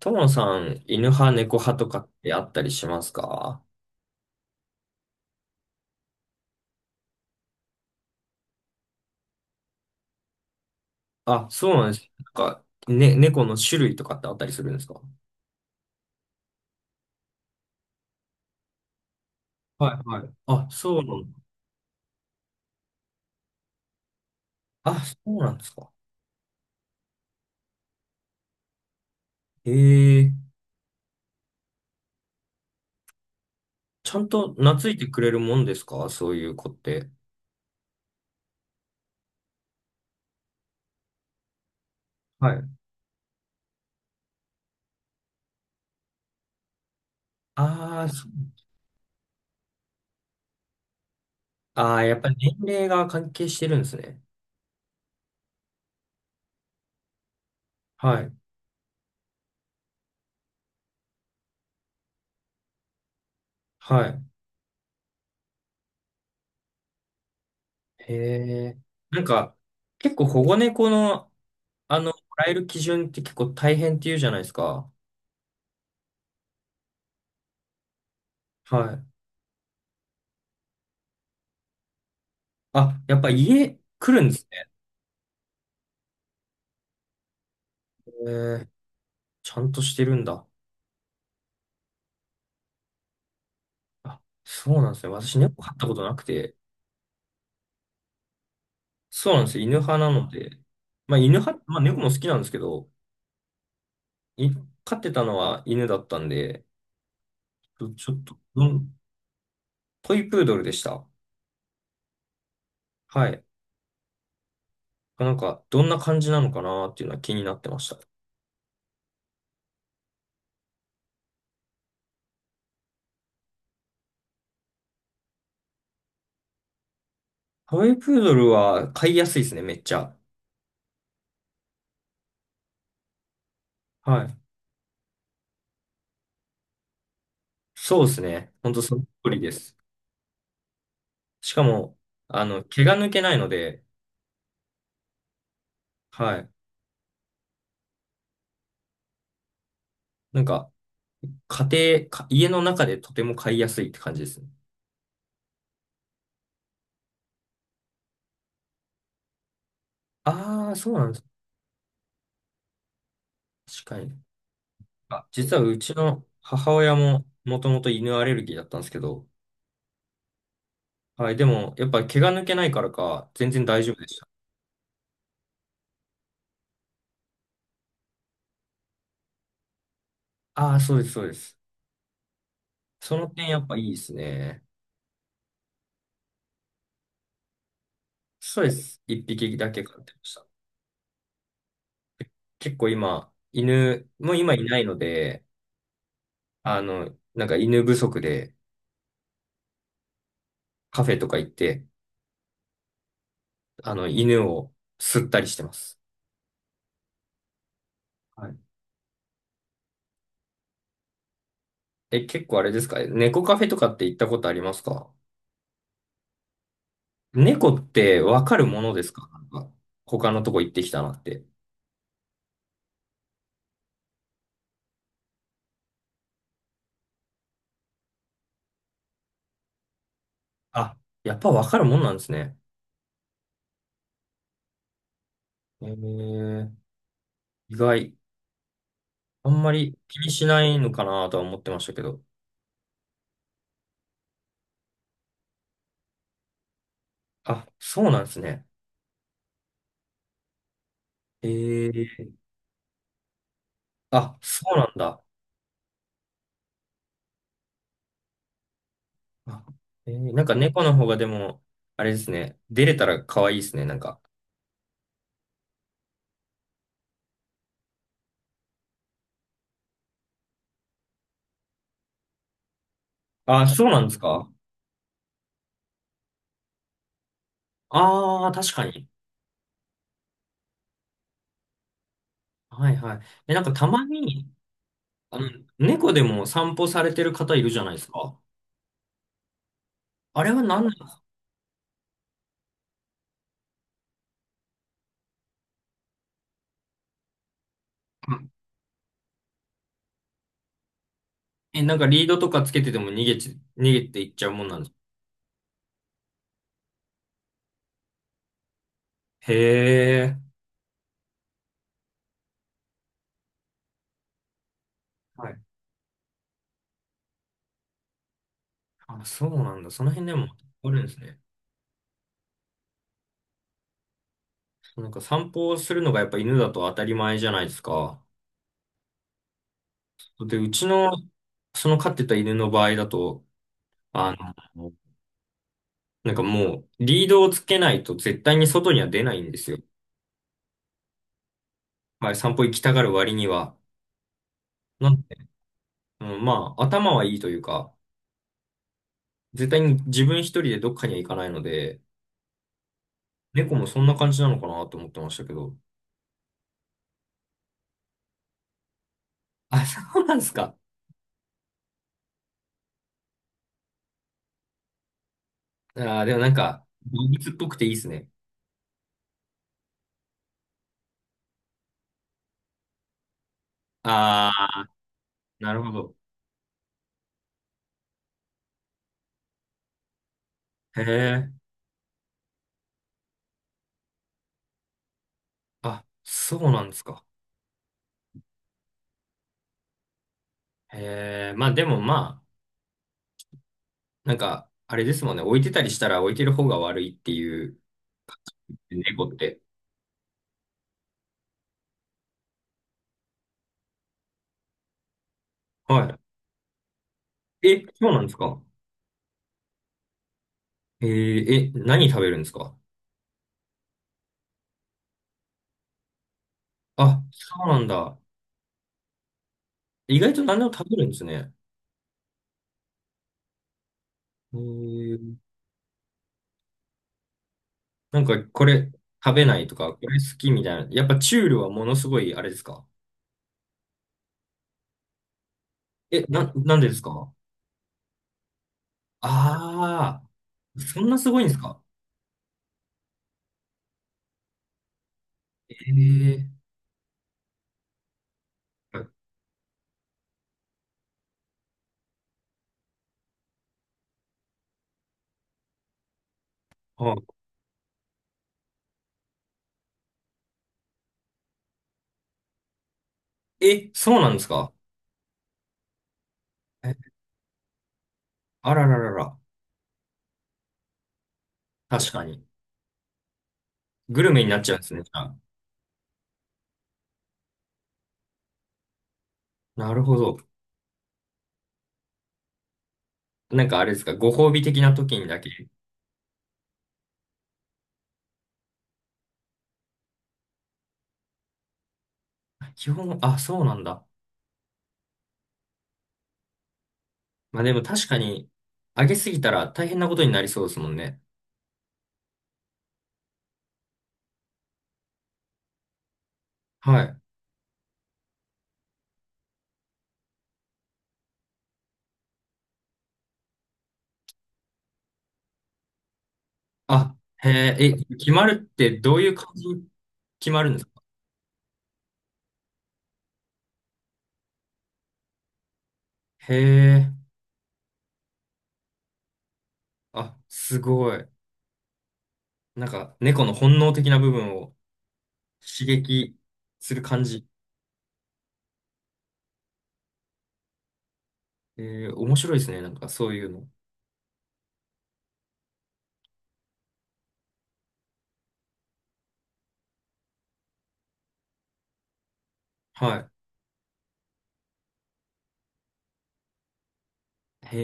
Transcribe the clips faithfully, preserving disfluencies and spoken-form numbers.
ともさん、犬派、猫派とかってあったりしますか？あ、そうなんです。なんか、ね、猫の種類とかってあったりするんですか？はいはい。あ、そうなん、あ、そうなんですか。へえ、ちゃんと懐いてくれるもんですかそういう子って。はい。ああ、そう、ああ、やっぱり年齢が関係してるんですね。はい。はい。へえ。なんか、結構保護猫の、あの、もらえる基準って結構大変って言うじゃないですか。はい。あ、やっぱ家来るんですね。えー、ちゃんとしてるんだ。あ、そうなんですね。私猫飼ったことなくて。そうなんですよ。犬派なので。まあ犬派、まあ猫も好きなんですけど、い、飼ってたのは犬だったんで、ちょちょっと、どん、トイプードルでした。はい。なんか、どんな感じなのかなっていうのは気になってました。トイプードルは飼いやすいですね、めっちゃ。はい。そうですね。ほんとそっくりです。しかも、あの、毛が抜けないので、はい。なんか、家庭、か家の中でとても買いやすいって感じですね。ああ、そうなんです。確かに。あ、実はうちの母親ももともと犬アレルギーだったんですけど、はい、でもやっぱ毛が抜けないからか、全然大丈夫でした。ああ、そうです、そうです。その点やっぱいいですね。そうです。一匹だけ飼ってました。結構今、犬、もう今いないので、あの、なんか犬不足でカフェとか行って、あの、犬を吸ったりしてます。はい、え、結構あれですか猫カフェとかって行ったことありますか？猫ってわかるものですかなんか他のとこ行ってきたなって。あ、やっぱわかるもんなんですね。えー、意外。あんまり気にしないのかなとは思ってましたけど。あ、そうなんですね。えー、あ、そうなんだ。あ、えー、なんか猫の方がでも、あれですね。出れたら可愛いですね、なんか。あ、そうなんですか？ああ確かに。はいはい。え、なんかたまに、あの、猫でも散歩されてる方いるじゃないですか。あれは何なんですか？え、なんかリードとかつけてても逃げち、逃げていっちゃうもんなんですか？へえ。はい。あ、そうなんだ。その辺でもあるんですね。なんか散歩をするのがやっぱ犬だと当たり前じゃないですか。で、うちの、その飼ってた犬の場合だと、あの、なんかもうリードをつけないと絶対に外には出ないんですよ。はい、散歩行きたがる割には。なんで、うん、まあ、頭はいいというか、絶対に自分一人でどっかには行かないので、猫もそんな感じなのかなと思ってましたけど。あ、そうなんですか。あー、でもなんか、動物っぽくていいですね。ああ、なるほど。へえ。あ、そうなんですか。へえ。まあでもまあ、なんか、あれですもんね。置いてたりしたら置いてる方が悪いっていう、猫って。はい。え、そうなんですか。えー、え、何食べるんですか。あ、そうなんだ。意外と何でも食べるんですね。へえ。なんか、これ食べないとか、これ好きみたいな。やっぱチュールはものすごい、あれですか？え、な、なんでですか？ああー、そんなすごいんですか？ええー。あ、え、そうなんですか？え、あらららら。確かに。グルメになっちゃうんですね。じゃあ、なるほど。なんかあれですか、ご褒美的な時にだけ。基本、あ、そうなんだ。まあでも確かに、上げすぎたら大変なことになりそうですもんね。はい。あ、へえ、え、決まるってどういう感じに決まるんですか？へえ、あ、すごい。なんか、猫の本能的な部分を刺激する感じ。えー、面白いですね。なんか、そういうの。はい。へ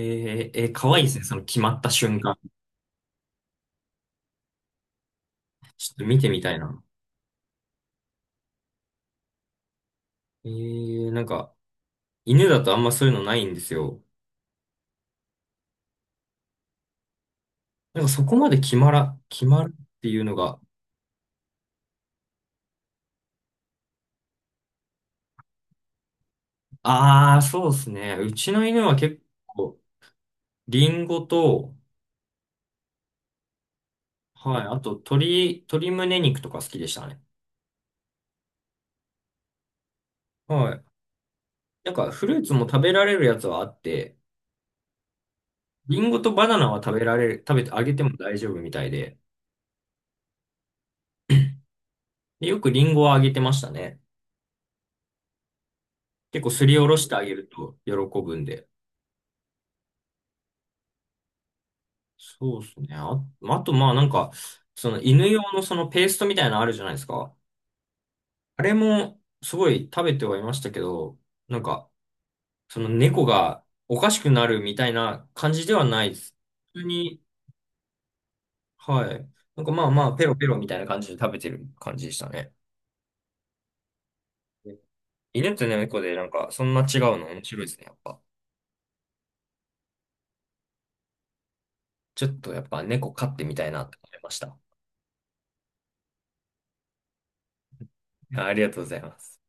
え、えー、可愛いですね。その決まった瞬間。ちょっと見てみたいな。えー、なんか、犬だとあんまそういうのないんですよ。なんか、そこまで決まら、決まるっていうのが。ああ、そうですね。うちの犬は結構、リンゴと、はい、あと、鶏、鶏胸肉とか好きでしたね。はい。なんかフルーツも食べられるやつはあって、リンゴとバナナは食べられる、食べてあげても大丈夫みたいで、で、よくリンゴはあげてましたね。結構すりおろしてあげると喜ぶんで。そうですね。あ、あとまあなんか、その犬用のそのペーストみたいなのあるじゃないですか。あれもすごい食べてはいましたけど、なんか、その猫がおかしくなるみたいな感じではないです。普通に、はい。なんかまあまあ、ペロペロみたいな感じで食べてる感じでしたね。犬と猫でなんかそんな違うの面白いですね、やっぱ。ちょっとやっぱ猫飼ってみたいなって思いました。ありがとうございます。